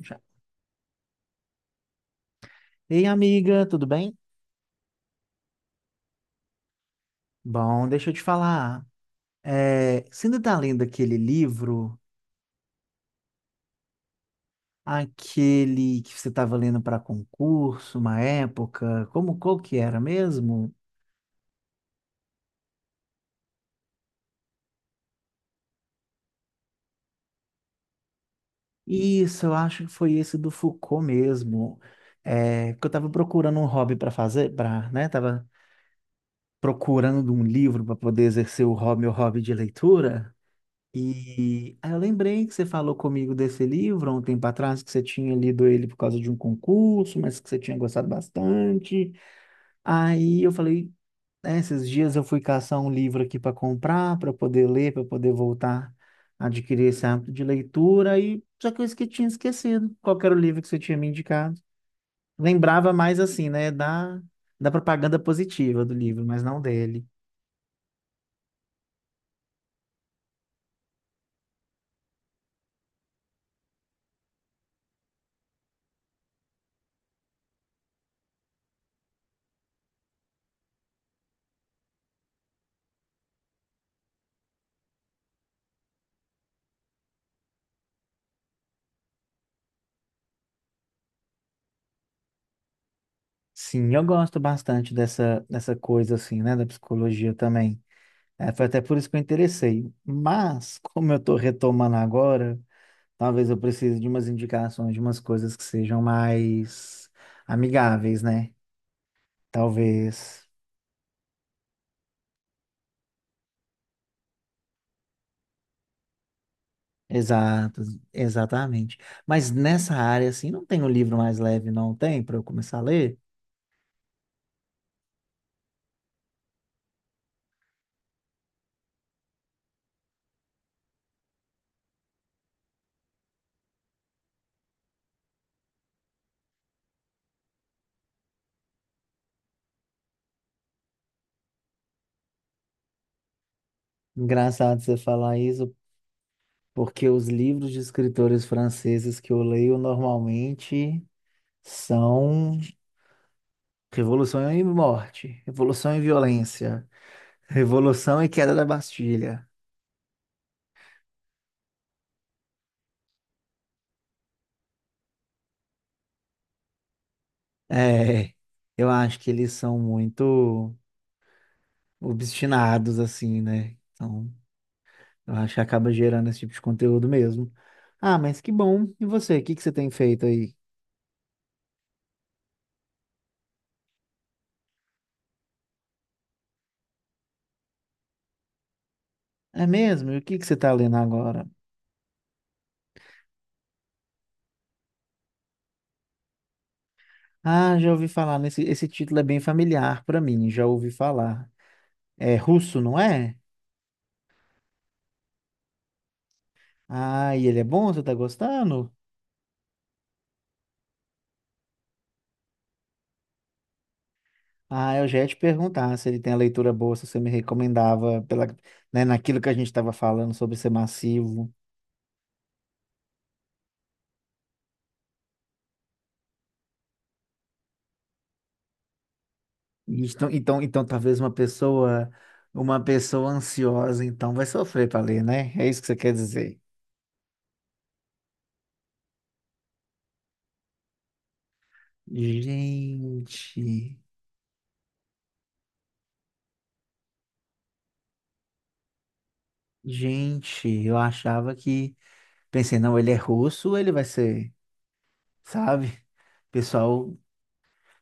Já. Ei, amiga, tudo bem? Bom, deixa eu te falar. Você ainda tá lendo aquele livro, aquele que você estava lendo para concurso, uma época? Como qual que era mesmo? Isso, eu acho que foi esse do Foucault mesmo. Que eu estava procurando um hobby para fazer, para, né? Tava procurando um livro para poder exercer o hobby, meu hobby de leitura. E aí eu lembrei que você falou comigo desse livro há um tempo atrás, que você tinha lido ele por causa de um concurso, mas que você tinha gostado bastante. Aí eu falei, né, esses dias eu fui caçar um livro aqui para comprar, para poder ler, para poder voltar a adquirir esse hábito de leitura, e só que eu tinha esquecido qual que era o livro que você tinha me indicado. Lembrava mais assim, né, da propaganda positiva do livro, mas não dele. Sim, eu gosto bastante dessa coisa assim, né, da psicologia também. É, foi até por isso que eu interessei. Mas, como eu estou retomando agora, talvez eu precise de umas indicações, de umas coisas que sejam mais amigáveis, né? Talvez. Exato, exatamente. Mas nessa área, assim, não tem um livro mais leve, não tem, para eu começar a ler? Engraçado você falar isso, porque os livros de escritores franceses que eu leio normalmente são Revolução e Morte, Revolução e Violência. Revolução e Queda da Bastilha. É, eu acho que eles são muito obstinados, assim, né? Então, eu acho que acaba gerando esse tipo de conteúdo mesmo. Ah, mas que bom. E você, o que que você tem feito aí? É mesmo? E o que que você tá lendo agora? Ah, já ouvi falar nesse, esse título é bem familiar pra mim, já ouvi falar. É russo, não é? Ah, e ele é bom? Você tá gostando? Ah, eu já ia te perguntar se ele tem a leitura boa, se você me recomendava pela, né, naquilo que a gente estava falando sobre ser massivo. Então, então talvez uma pessoa ansiosa, então vai sofrer para ler, né? É isso que você quer dizer. Gente, eu achava que, pensei, não, ele é russo, ele vai ser, sabe? Pessoal,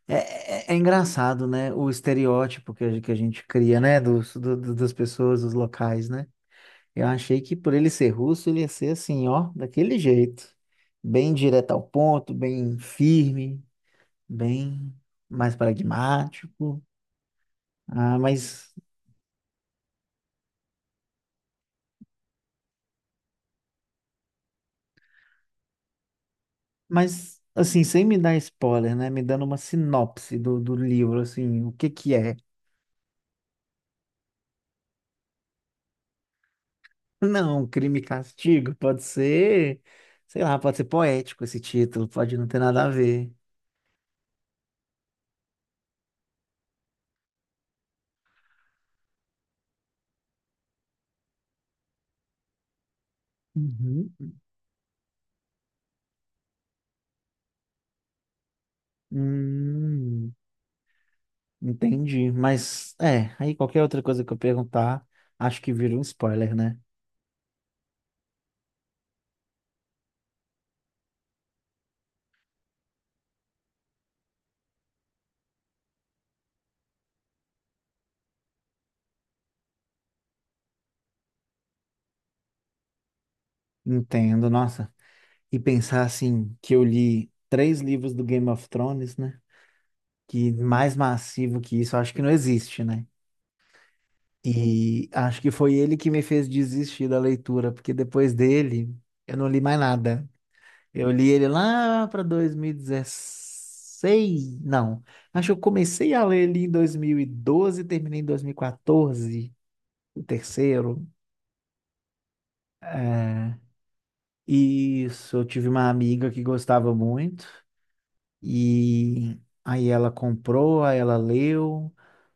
é, é engraçado, né? O estereótipo que a gente cria, né? Dos, das pessoas, dos locais, né? Eu achei que por ele ser russo, ele ia ser assim, ó, daquele jeito. Bem direto ao ponto, bem firme, bem mais pragmático. Ah, mas, mas assim, sem me dar spoiler, né? Me dando uma sinopse do livro, assim, o que que é? Não, crime e castigo, pode ser, sei lá, pode ser poético esse título, pode não ter nada a ver. Uhum. Hum, Entendi, mas é, aí qualquer outra coisa que eu perguntar, acho que vira um spoiler, né? Entendo, nossa. E pensar assim, que eu li três livros do Game of Thrones, né? Que mais massivo que isso, acho que não existe, né? E acho que foi ele que me fez desistir da leitura, porque depois dele eu não li mais nada. Eu li ele lá para 2016, não. Acho que eu comecei a ler ele em 2012 e terminei em 2014, o terceiro. É, isso, eu tive uma amiga que gostava muito, e aí ela comprou, aí ela leu,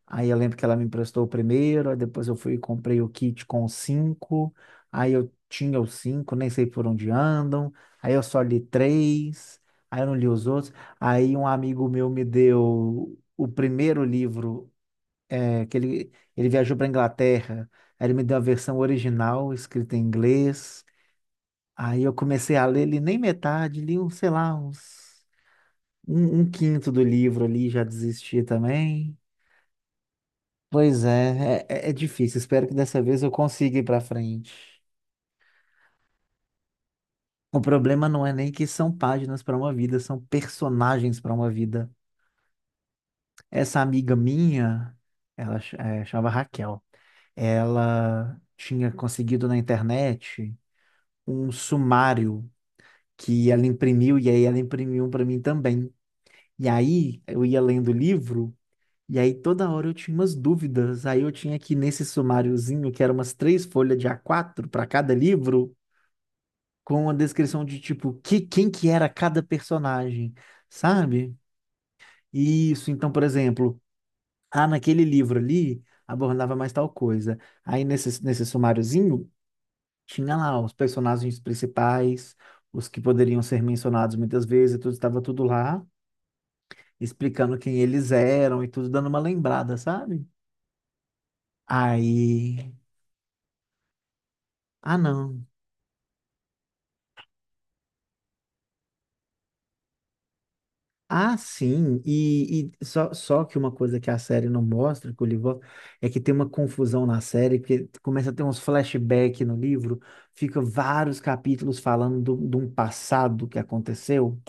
aí eu lembro que ela me emprestou o primeiro, aí depois eu fui e comprei o kit com os cinco, aí eu tinha os cinco, nem sei por onde andam, aí eu só li três, aí eu não li os outros, aí um amigo meu me deu o primeiro livro, ele viajou para Inglaterra, aí ele me deu a versão original, escrita em inglês. Aí eu comecei a ler, li nem metade, li, um, sei lá, uns, um quinto do livro ali, já desisti também. Pois é, é difícil. Espero que dessa vez eu consiga ir pra frente. O problema não é nem que são páginas para uma vida, são personagens para uma vida. Essa amiga minha, chamava Raquel, ela tinha conseguido na internet um sumário que ela imprimiu, e aí ela imprimiu para mim também. E aí eu ia lendo o livro. E aí toda hora eu tinha umas dúvidas. Aí eu tinha que, nesse sumáriozinho, que era umas três folhas de A4 para cada livro, com a descrição de tipo que, quem que era cada personagem, sabe? Isso, então, por exemplo, ah, naquele livro ali abordava mais tal coisa. Aí nesse sumáriozinho tinha lá os personagens principais, os que poderiam ser mencionados muitas vezes, tudo estava tudo lá, explicando quem eles eram e tudo, dando uma lembrada, sabe? Aí. Ah, não. Ah, sim, só que uma coisa que a série não mostra, que o livro mostra, é que tem uma confusão na série, que começa a ter uns flashbacks no livro, fica vários capítulos falando de um passado que aconteceu,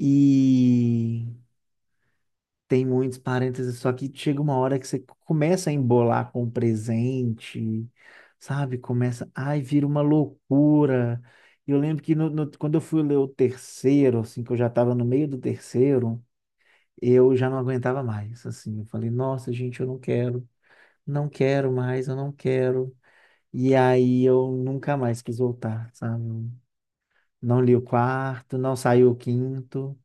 e tem muitos parênteses, só que chega uma hora que você começa a embolar com o presente, sabe? Começa, ai, vira uma loucura. Eu lembro que quando eu fui ler o terceiro, assim, que eu já estava no meio do terceiro, eu já não aguentava mais, assim, eu falei, nossa, gente, eu não quero, não quero mais, eu não quero. E aí eu nunca mais quis voltar, sabe? Eu não li o quarto, não saiu o quinto,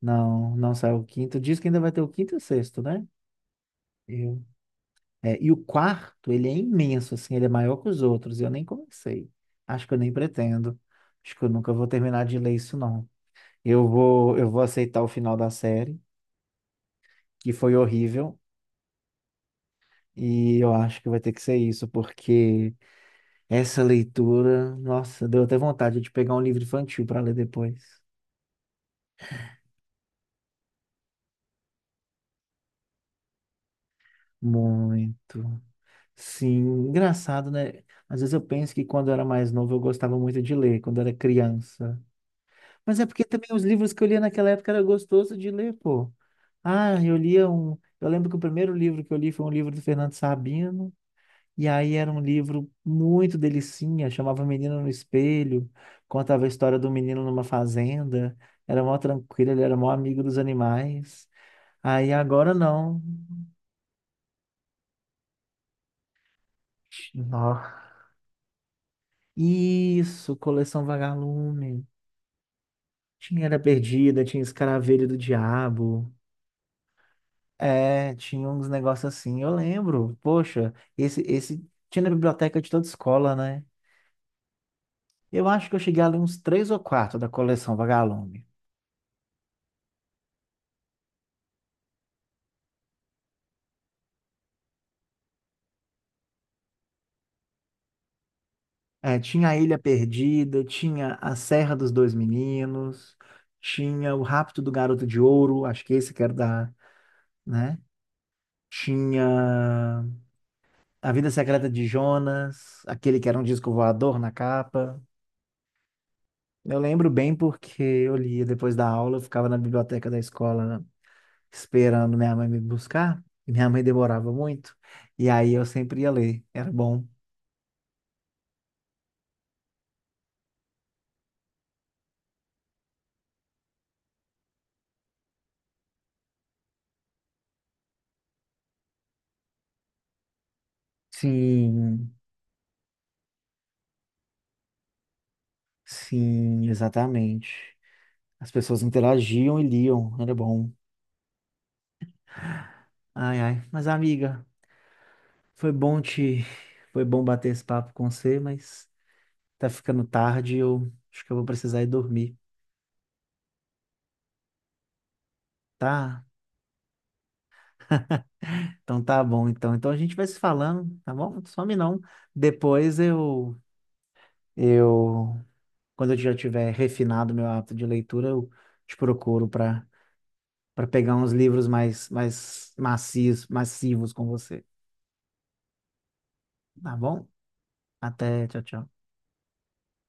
não saiu o quinto. Diz que ainda vai ter o quinto e o sexto, né? Eu. É, e o quarto, ele é imenso, assim, ele é maior que os outros, e eu nem comecei. Acho que eu nem pretendo. Acho que eu nunca vou terminar de ler isso, não. Eu vou aceitar o final da série, que foi horrível. E eu acho que vai ter que ser isso, porque essa leitura, nossa, deu até vontade de pegar um livro infantil para ler depois. Muito. Sim, engraçado, né? Às vezes eu penso que quando eu era mais novo eu gostava muito de ler, quando eu era criança. Mas é porque também os livros que eu lia naquela época era gostoso de ler, pô. Ah, eu lia um. Eu lembro que o primeiro livro que eu li foi um livro do Fernando Sabino. E aí era um livro muito delicinha, chamava Menino no Espelho, contava a história do menino numa fazenda, era mó tranquilo, ele era mó amigo dos animais. Aí agora não. Nossa. Isso, coleção Vagalume. Tinha Era Perdida, tinha Escaravelho do Diabo. É, tinha uns negócios assim, eu lembro. Poxa, esse tinha na biblioteca de toda escola, né? Eu acho que eu cheguei ali uns três ou quatro da coleção Vagalume. É, tinha a Ilha Perdida, tinha a Serra dos Dois Meninos, tinha o Rapto do Garoto de Ouro, acho que esse que era da, né? Tinha A Vida Secreta de Jonas, aquele que era um disco voador na capa. Eu lembro bem porque eu lia depois da aula, eu ficava na biblioteca da escola esperando minha mãe me buscar, e minha mãe demorava muito, e aí eu sempre ia ler, era bom. Sim, sim, exatamente. As pessoas interagiam e liam, era bom. Ai, ai. Mas, amiga, foi bom te. Foi bom bater esse papo com você, mas tá ficando tarde e eu acho que eu vou precisar ir dormir, tá? Então tá bom, então. Então a gente vai se falando, tá bom? Não some não. Depois eu. Eu. Quando eu já tiver refinado meu hábito de leitura, eu te procuro para pegar uns livros mais macios, massivos com você, tá bom? Até, tchau, tchau.